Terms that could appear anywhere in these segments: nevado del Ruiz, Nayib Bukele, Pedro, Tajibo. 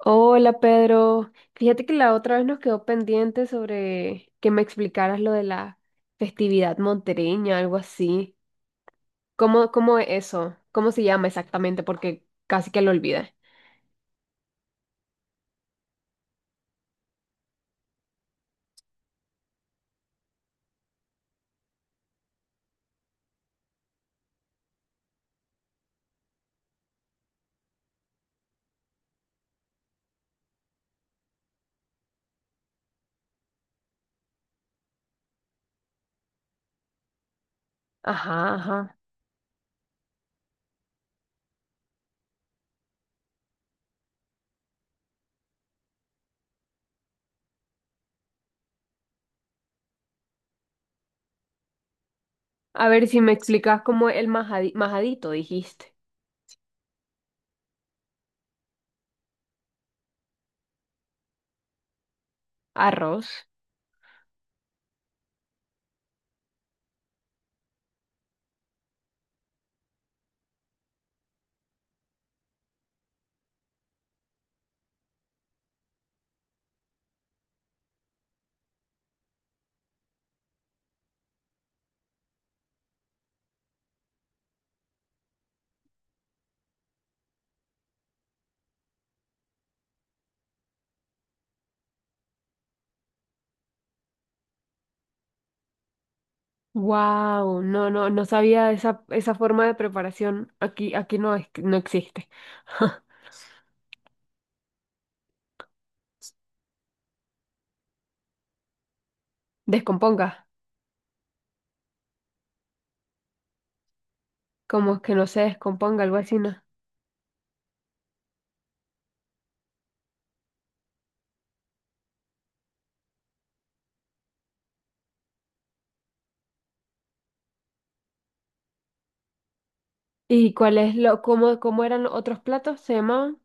Hola Pedro, fíjate que la otra vez nos quedó pendiente sobre que me explicaras lo de la festividad montereña, algo así. ¿Cómo es eso? ¿Cómo se llama exactamente? Porque casi que lo olvidé. Ajá, ajá. A ver si me explicas cómo el majadito dijiste. Arroz. Wow, no, no sabía esa forma de preparación. Aquí no, no existe. Descomponga, como que no se descomponga, algo así, ¿no? ¿Y cuál es lo, cómo eran los otros platos? ¿Se llamaban?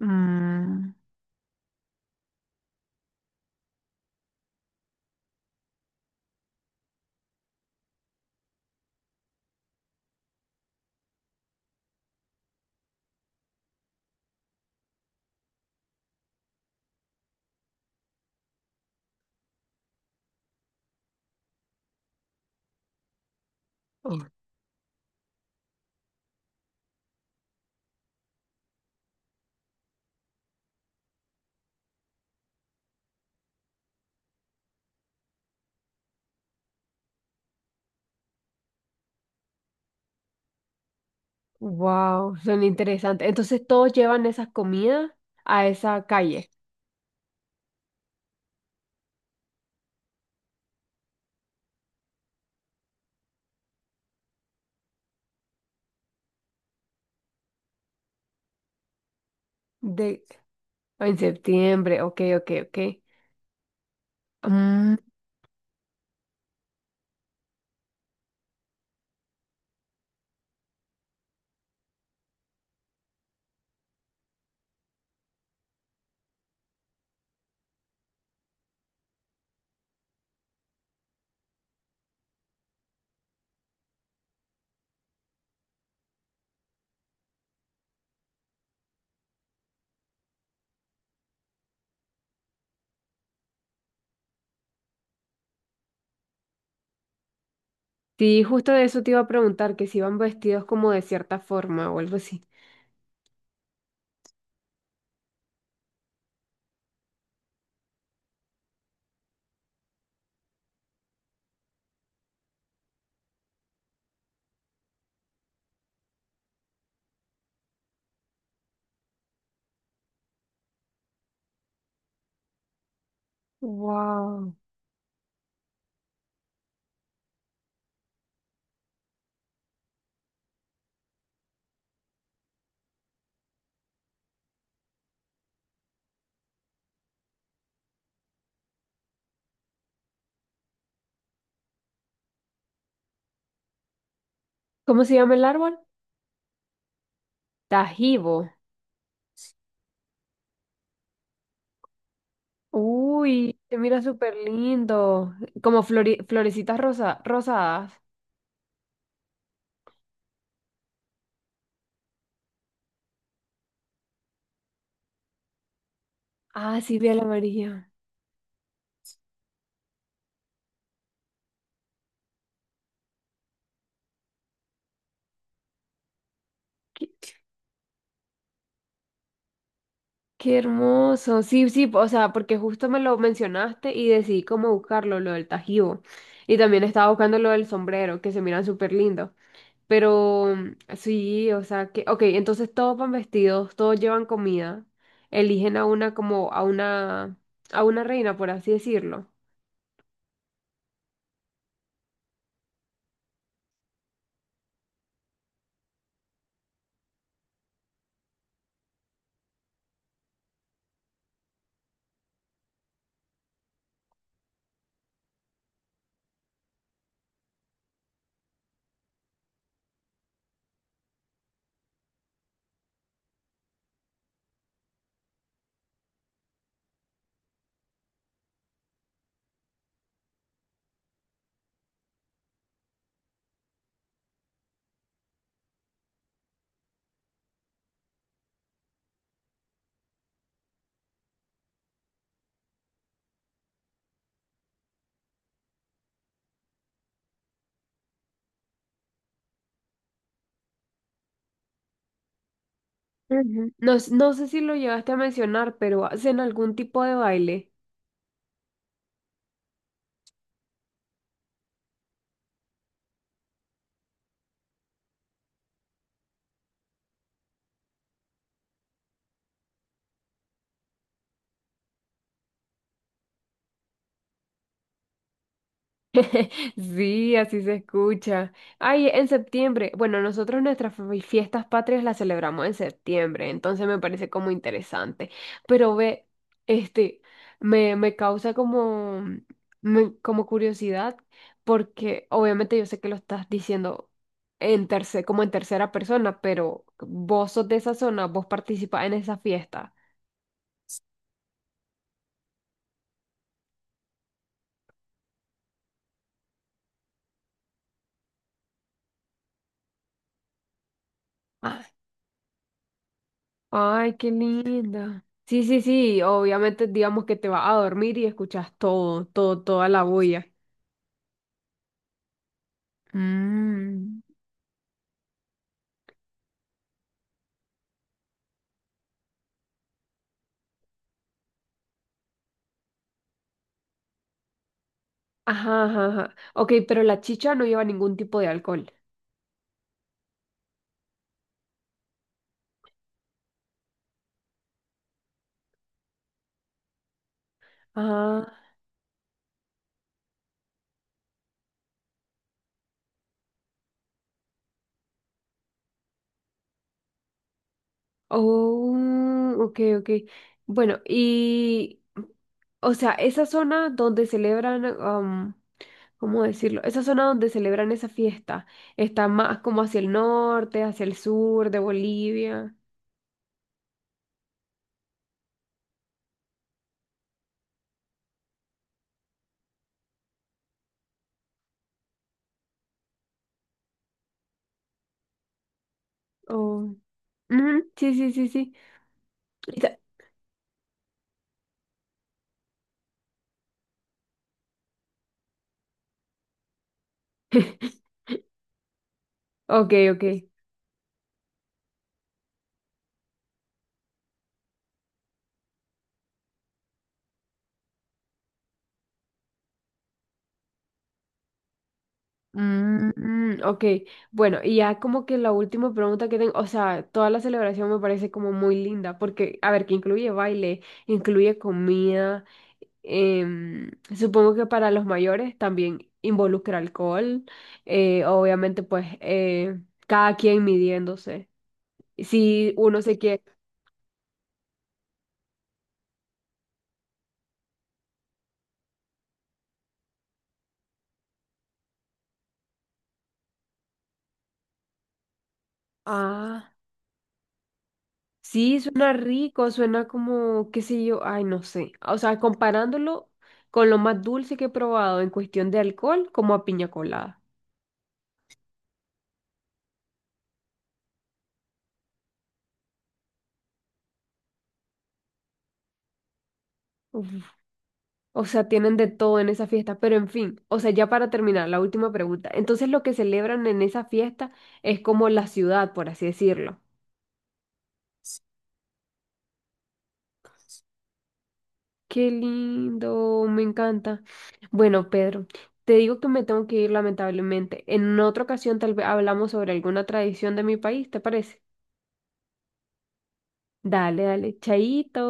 Mm, wow, son interesantes. Entonces todos llevan esas comidas a esa calle de en septiembre. Ok, ok, ok. Mm, sí, justo de eso te iba a preguntar, que si iban vestidos como de cierta forma o algo así. Wow. ¿Cómo se llama el árbol? Tajibo. Uy, se mira súper lindo. Como florecitas rosa rosadas. Ah, sí, ve el amarillo. Qué hermoso. Sí, sí, o sea, porque justo me lo mencionaste y decidí cómo buscarlo, lo del Tajibo. Y también estaba buscando lo del sombrero, que se miran súper lindos. Pero sí, o sea, que, ok, entonces todos van vestidos, todos llevan comida. Eligen a una como a una reina, por así decirlo. Ujú. No, no sé si lo llegaste a mencionar, pero hacen algún tipo de baile. Sí, así se escucha. Ay, en septiembre. Bueno, nosotros nuestras fiestas patrias las celebramos en septiembre, entonces me parece como interesante. Pero ve, este, me causa como, como curiosidad, porque obviamente yo sé que lo estás diciendo en como en tercera persona, pero vos sos de esa zona, vos participás en esa fiesta. Ay, qué linda. Sí, sí, sí, obviamente digamos que te vas a dormir y escuchas todo, todo, toda la bulla. Mm. Ajá, ajá, ajá. Ok, pero la chicha no lleva ningún tipo de alcohol. Ah, oh, ok, ok. Bueno, y, o sea, esa zona donde celebran, am, ¿cómo decirlo? Esa zona donde celebran esa fiesta está más como hacia el norte, hacia el sur de Bolivia. Oh. Ujú, sí, sí, sí, sí. Ok, ok. Mm, mm, ok, bueno, y ya como que la última pregunta que tengo, o sea, toda la celebración me parece como muy linda, porque, a ver, que incluye baile, incluye comida, em, supongo que para los mayores también involucra alcohol, obviamente pues cada quien midiéndose, si uno se quiere... Ah. Sí, suena rico, suena como, qué sé yo, ay, no sé. O sea, comparándolo con lo más dulce que he probado en cuestión de alcohol, como a piña colada. Uf, o sea, tienen de todo en esa fiesta, pero en fin, o sea, ya para terminar, la última pregunta. Entonces, lo que celebran en esa fiesta es como la ciudad, por así decirlo. Qué lindo, me encanta. Bueno, Pedro, te digo que me tengo que ir lamentablemente. En otra ocasión tal vez hablamos sobre alguna tradición de mi país, ¿te parece? Dale, dale, chaito.